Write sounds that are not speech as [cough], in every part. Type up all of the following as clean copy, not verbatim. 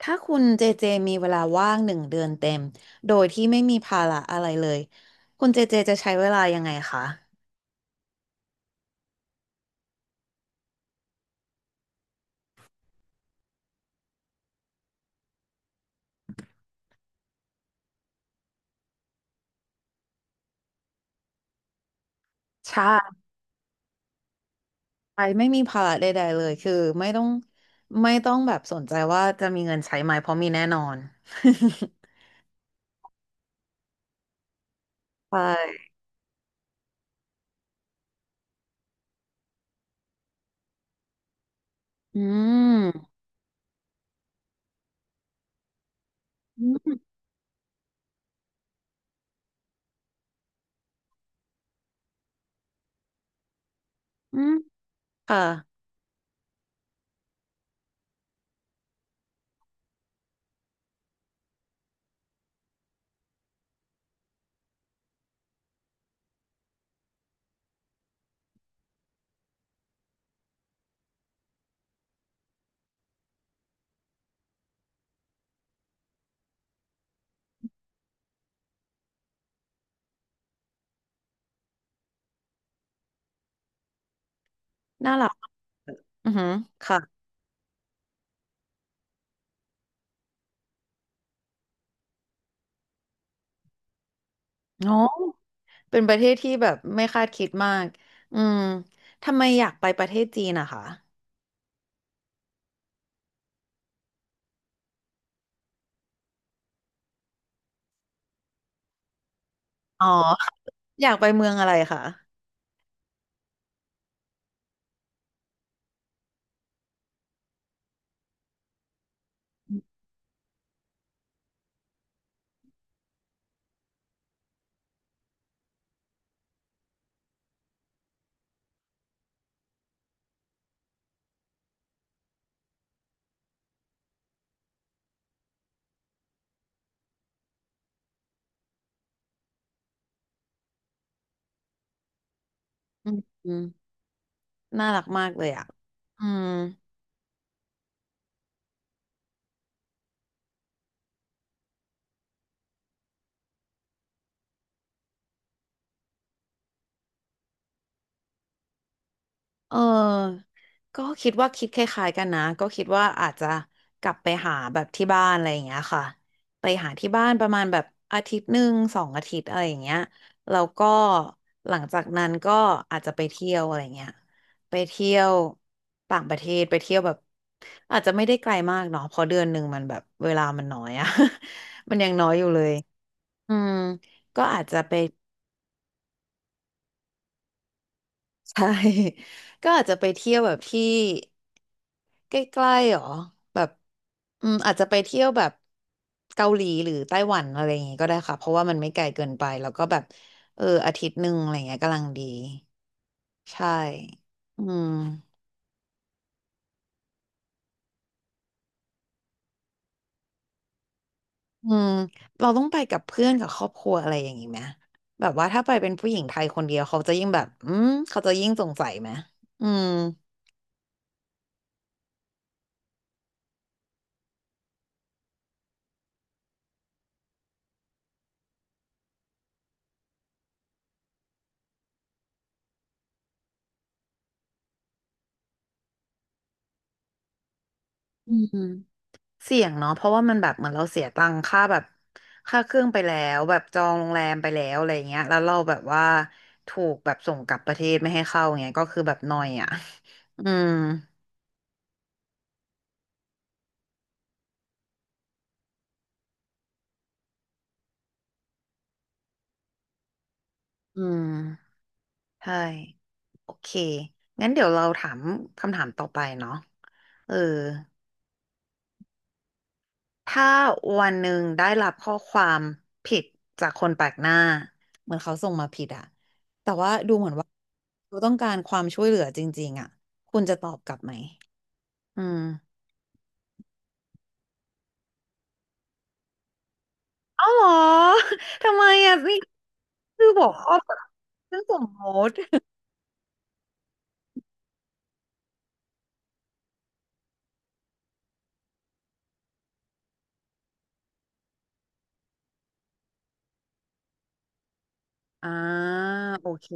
ถ้าคุณเจเจมีเวลาว่างหนึ่งเดือนเต็มโดยที่ไม่มีภาระอะไรเลยคุณเจเจจะใช้เวลายังไงคะใช่ไม่มีภาระใดๆเลยคือไม่ต้องไม่ต้องแบบสนใจว่าจะมีเงินใช้ไหมเพราะมีแน่นอน [laughs] ใช่ [laughs] อืมอืมอืมค่ะน่ารักอือหือค่ะเนาะเป็นประเทศที่แบบไม่คาดคิดมากอืมทำไมอยากไปประเทศจีนอะคะอ๋ออยากไปเมืองอะไรคะอืม น่ารักมากเลยอ่ะอืมเออก็คิดว่าคิดคล้ายๆกันนะก็คิดว่าอาจจะกลับไปหาแบบที่บ้านอะไรอย่างเงี้ยค่ะไปหาที่บ้านประมาณแบบอาทิตย์หนึ่ง2 อาทิตย์อะไรอย่างเงี้ยแล้วก็หลังจากนั้นก็อาจจะไปเที่ยวอะไรเงี้ยไปเที่ยวต่างประเทศไปเที่ยวแบบอาจจะไม่ได้ไกลมากเนาะเพราะเดือนหนึ่งมันแบบเวลามันน้อยอะ [laughs] มันยังน้อยอยู่เลยอืมก็อาจจะไป ใช่ [laughs] ก็อาจจะไปเที่ยวแบบที่ใกล้ๆหรอแบบอืมอาจจะไปเที่ยวแบบเกาหลีหรือไต้หวันอะไรอย่างงี้ก็ได้ค่ะเพราะว่ามันไม่ไกลเกินไปแล้วก็แบบเอออาทิตย์หนึ่งอะไรเงี้ยกำลังดีใช่อืมอืมเราต้องไปกับเพื่อนกับครอบครัวอะไรอย่างงี้ไหมแบบว่าถ้าไปเป็นผู้หญิงไทยคนเดียวเขาจะยิ่งแบบอืมเขาจะยิ่งสงสัยไหมอืมอืม เสี่ยงเนาะเพราะว่ามันแบบเหมือนเราเสียตังค่าแบบค่าเครื่องไปแล้วแบบจองโรงแรมไปแล้วอะไรเงี้ยแล้วเราแบบว่าถูกแบบส่งกลับประเทศไม่ให้เข้าเงี้ยก็คือแบบนอยอ่ะ [laughs] อืมอืมใช่โอเคงั้นเดี๋ยวเราถามคำถามต่อไปเนาะเออถ้าวันหนึ่งได้รับข้อความผิดจากคนแปลกหน้าเหมือนเขาส่งมาผิดอะแต่ว่าดูเหมือนว่าเขาต้องการความช่วยเหลือจริงๆอะคุณจะตอบกลับไหม อืมอ๋อเหรอ [laughs] ทำไมอ่ะนี่คือหัวข้อแบบเรื่องสมมติ [laughs] อ่าโอเค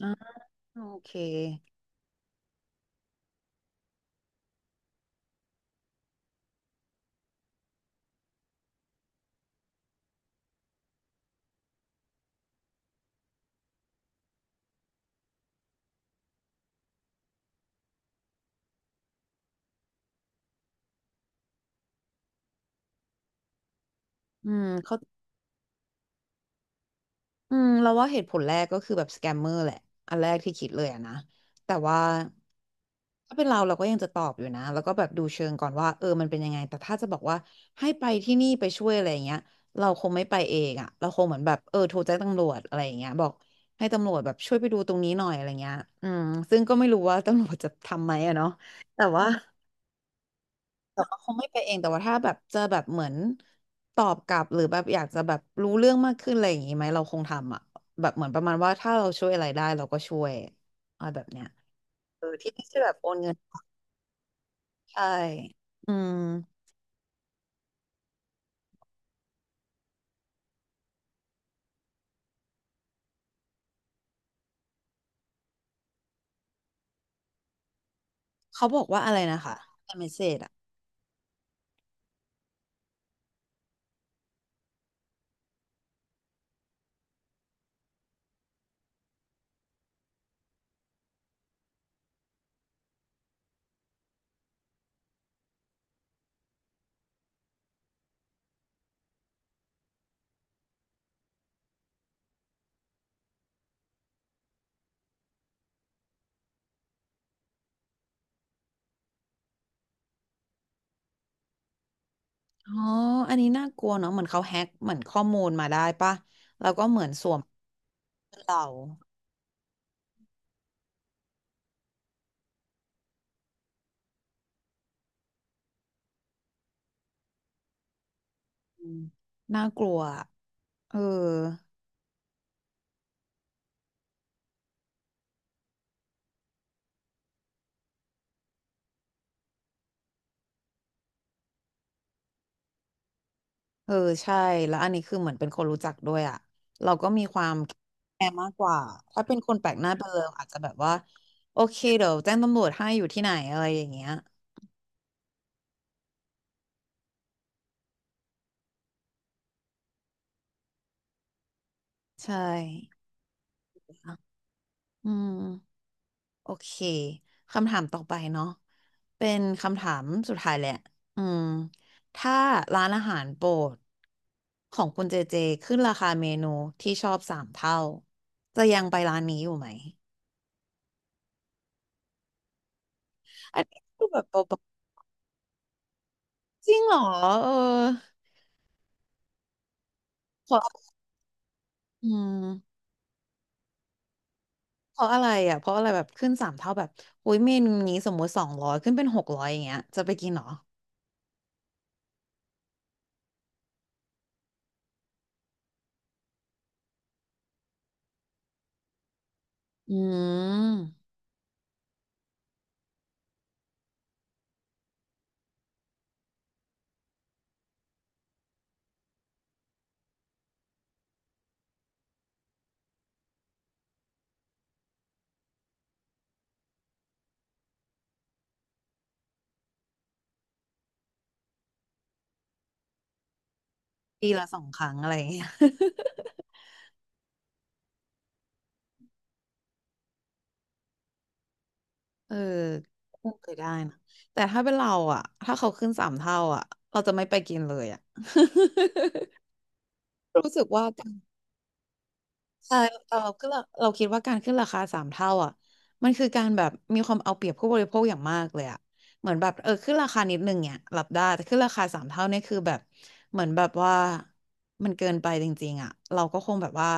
อ่าโอเคอืมเข้า อืมเราว่าเหตุผลแรกก็คือแบบสแกมเมอร์แหละอันแรกที่คิดเลยอะนะแต่ว่าถ้าเป็นเราเราก็ยังจะตอบอยู่นะแล้วก็แบบดูเชิงก่อนว่าเออมันเป็นยังไงแต่ถ้าจะบอกว่าให้ไปที่นี่ไปช่วยอะไรอย่างเงี้ยเราคงไม่ไปเองอะเราคงเหมือนแบบเออโทรแจ้งตำรวจอะไรอย่างเงี้ยบอกให้ตำรวจแบบช่วยไปดูตรงนี้หน่อยอะไรเงี้ยอืมซึ่งก็ไม่รู้ว่าตำรวจจะทำไหมอะเนาะแต่ว่า แต่ว่าคงไม่ไปเองแต่ว่าถ้าแบบเจอแบบเหมือนตอบกลับหรือแบบอยากจะแบบรู้เรื่องมากขึ้นอะไรอย่างงี้ไหมเราคงทำอ่ะแบบเหมือนประมาณว่าถ้าเราช่วยอะไรได้เราก็ช่วยอะไรแบบเนี้ยเออที่ไม่ใช่แบบโอนเงินใช่อืมเขาบอกว่าอะไรนะคะเมสเซจอ่ะอ๋ออันนี้น่ากลัวเนาะเหมือนเขาแฮ็กเหมือนข้อมูลมาได้ปะแล้วก็เหมือนสวมเราอืมน่ากลัวอะเออ เออใช่แล้วอันนี้คือเหมือนเป็นคนรู้จักด้วยอ่ะเรามีความแคร์มากกว่าถ้าเป็นคนแปลกหน้าไปเลยอาจจะแบบว่าโอเคเดี๋ยวแจ้งตำรวจให้อยู่ที่ไหนอะไรอย่างเงี้ยใช่อืมโอเคคำถามต่อไปเนาะเป็นคำถามสุดท้ายแหละอืมถ้าร้านอาหารโปรดของคุณเจเจขึ้นราคาเมนูที่ชอบสามเท่าจะยังไปร้านนี้อยู่ไหมอันนี้คือแบบเบาๆจริงเหรอเออ อืมเพราะอะไรอ่ะเพราะอะไรแบบขึ้นสามเท่าแบบโอ้ยเมนูนี้สมมติ200ขึ้นเป็น600อย่างเงี้ยจะไปกินเหรออืมปีละ2 ครั้งอะไรอย่างเงี้ย [laughs] เออก็เคยได้นะแต่ถ้าเป็นเราอ่ะถ้าเขาขึ้นสามเท่าอ่ะเราจะไม่ไปกินเลยอ่ะ [laughs] รู้สึกว่า ใช่เราคิดว่าการขึ้นราคาสามเท่าอ่ะมันคือการแบบมีความเอาเปรียบผู้บริโภคอย่างมากเลยอ่ะเหมือนแบบเออขึ้นราคานิดนึงเนี่ยรับได้แต่ขึ้นราคาสามเท่าเนี่ยคือแบบเหมือนแบบว่ามันเกินไปจริงๆอ่ะเราก็คงแบบว่า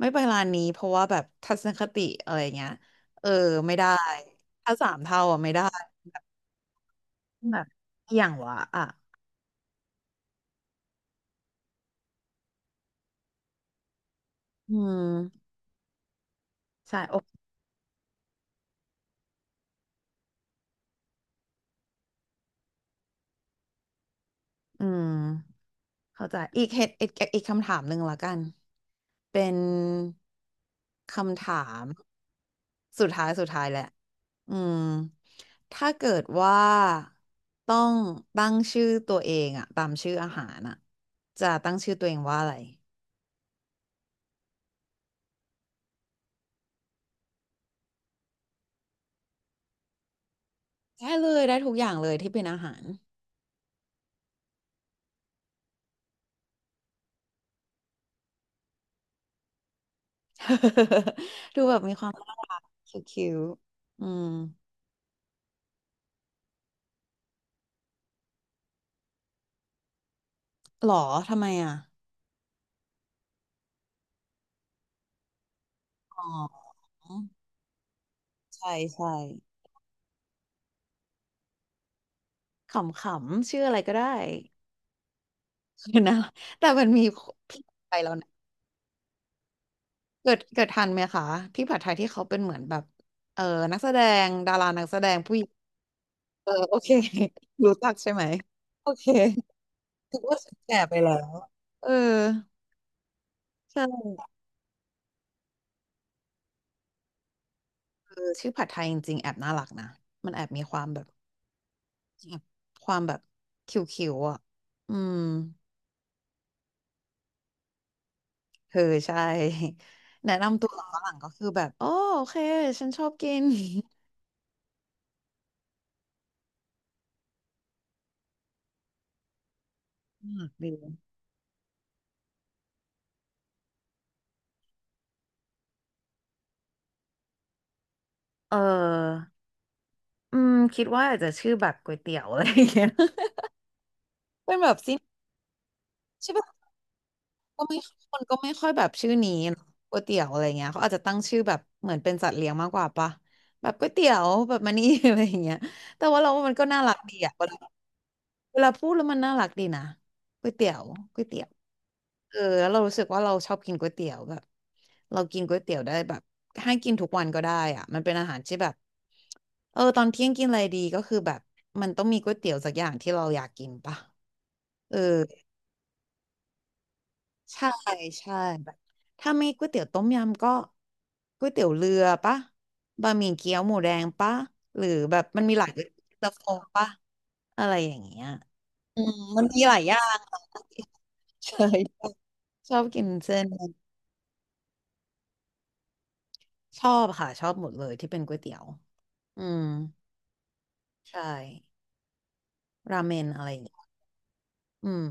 ไม่ไปร้านนี้เพราะว่าแบบทัศนคติอะไรเงี้ยเออไม่ได้ถ้าสามเท่าอ่ะไม่ได้แบบอย่างวะอ่ะอืมใช่โออืม เข้าใจอีกเหตุอีกคำถามหนึ่งละกันเป็นคำถามสุดท้ายแหละอืมถ้าเกิดว่าต้องตั้งชื่อตัวเองอะตามชื่ออาหารอะจะตั้งชื่อตัวเองว่าอะไรได้เลยได้ทุกอย่างเลยที่เป็นอาหาร [laughs] ดูแบบมีความคิวๆอืมหรอทำไมอะอ๋อใช่ใช่ขำๆชื่ออะไรก็ได้ เนนะแต่มันมีพี่ผัดไทยแล้วนะเกิดทันไหมคะพี่ผัดไทยที่เขาเป็นเหมือนแบบ เออนักแสดงดารานักแสดงผู้หญิงเออโอเค [laughs] รู้จักใช่ไหม โอเคถือว่าแก่ไปแล้ว เออใช่เออชื่อผัดไทยจริงๆแอบน่ารักนะ มันแอบมีความแบบแอบความแบบคิวๆอ่ะอืมเออใช่ แนะนำตัวฝรั่งก็คือแบบโอโอเคฉันชอบกิน [laughs] มากดีเออ อืมคิดว่าอาจจะชื่อแบบก๋วยเตี๋ยวอะไรอย่างเงี้ย [laughs] เป็นแบบซินใช่ปะ ก็ไม่คนก็ไม่ค่อยแบบชื่อนี้เนอะก๋วยเตี๋ยวอะไรเงี้ยเขาอาจจะตั้งชื่อแบบเหมือนเป็นสัตว์เลี้ยงมากกว่าปะแบบก๋วยเตี๋ยวแบบมานี่ [laughs] อะไรอย่างเงี้ยแต่ว่าเราว่ามันก็น่ารักดีอะเวลาพูดแล้วมันน่ารักดีนะก๋วยเตี๋ยวก๋วยเตี๋ยวเออแล้วเรารู้สึกว่าเราชอบกินก๋วยเตี๋ยวแบบเรากินก๋วยเตี๋ยวได้แบบให้กินทุกวันก็ได้อ่ะมันเป็นอาหารที่แบบเออตอนเที่ยงกินอะไรดีก็คือแบบมันต้องมีก๋วยเตี๋ยวสักอย่างที่เราอยากกินปะเออ ใช่ใช่แบบถ้าไม่ก๋วยเตี๋ยวต้มยำก็ก๋วยเตี๋ยวเรือปะบะหมี่เกี๊ยวหมูแดงปะหรือแบบมันมีหลายก๋วยเตี๋ยวโฟปะอะไรอย่างเงี้ยอืมมันมีหลายอย่าง [laughs] ใช่ชอบกินเส้นชอบค่ะชอบหมดเลยที่เป็นก๋วยเตี๋ยวอืมใช่ราเมนอะไรอย่างเงี้ยอืม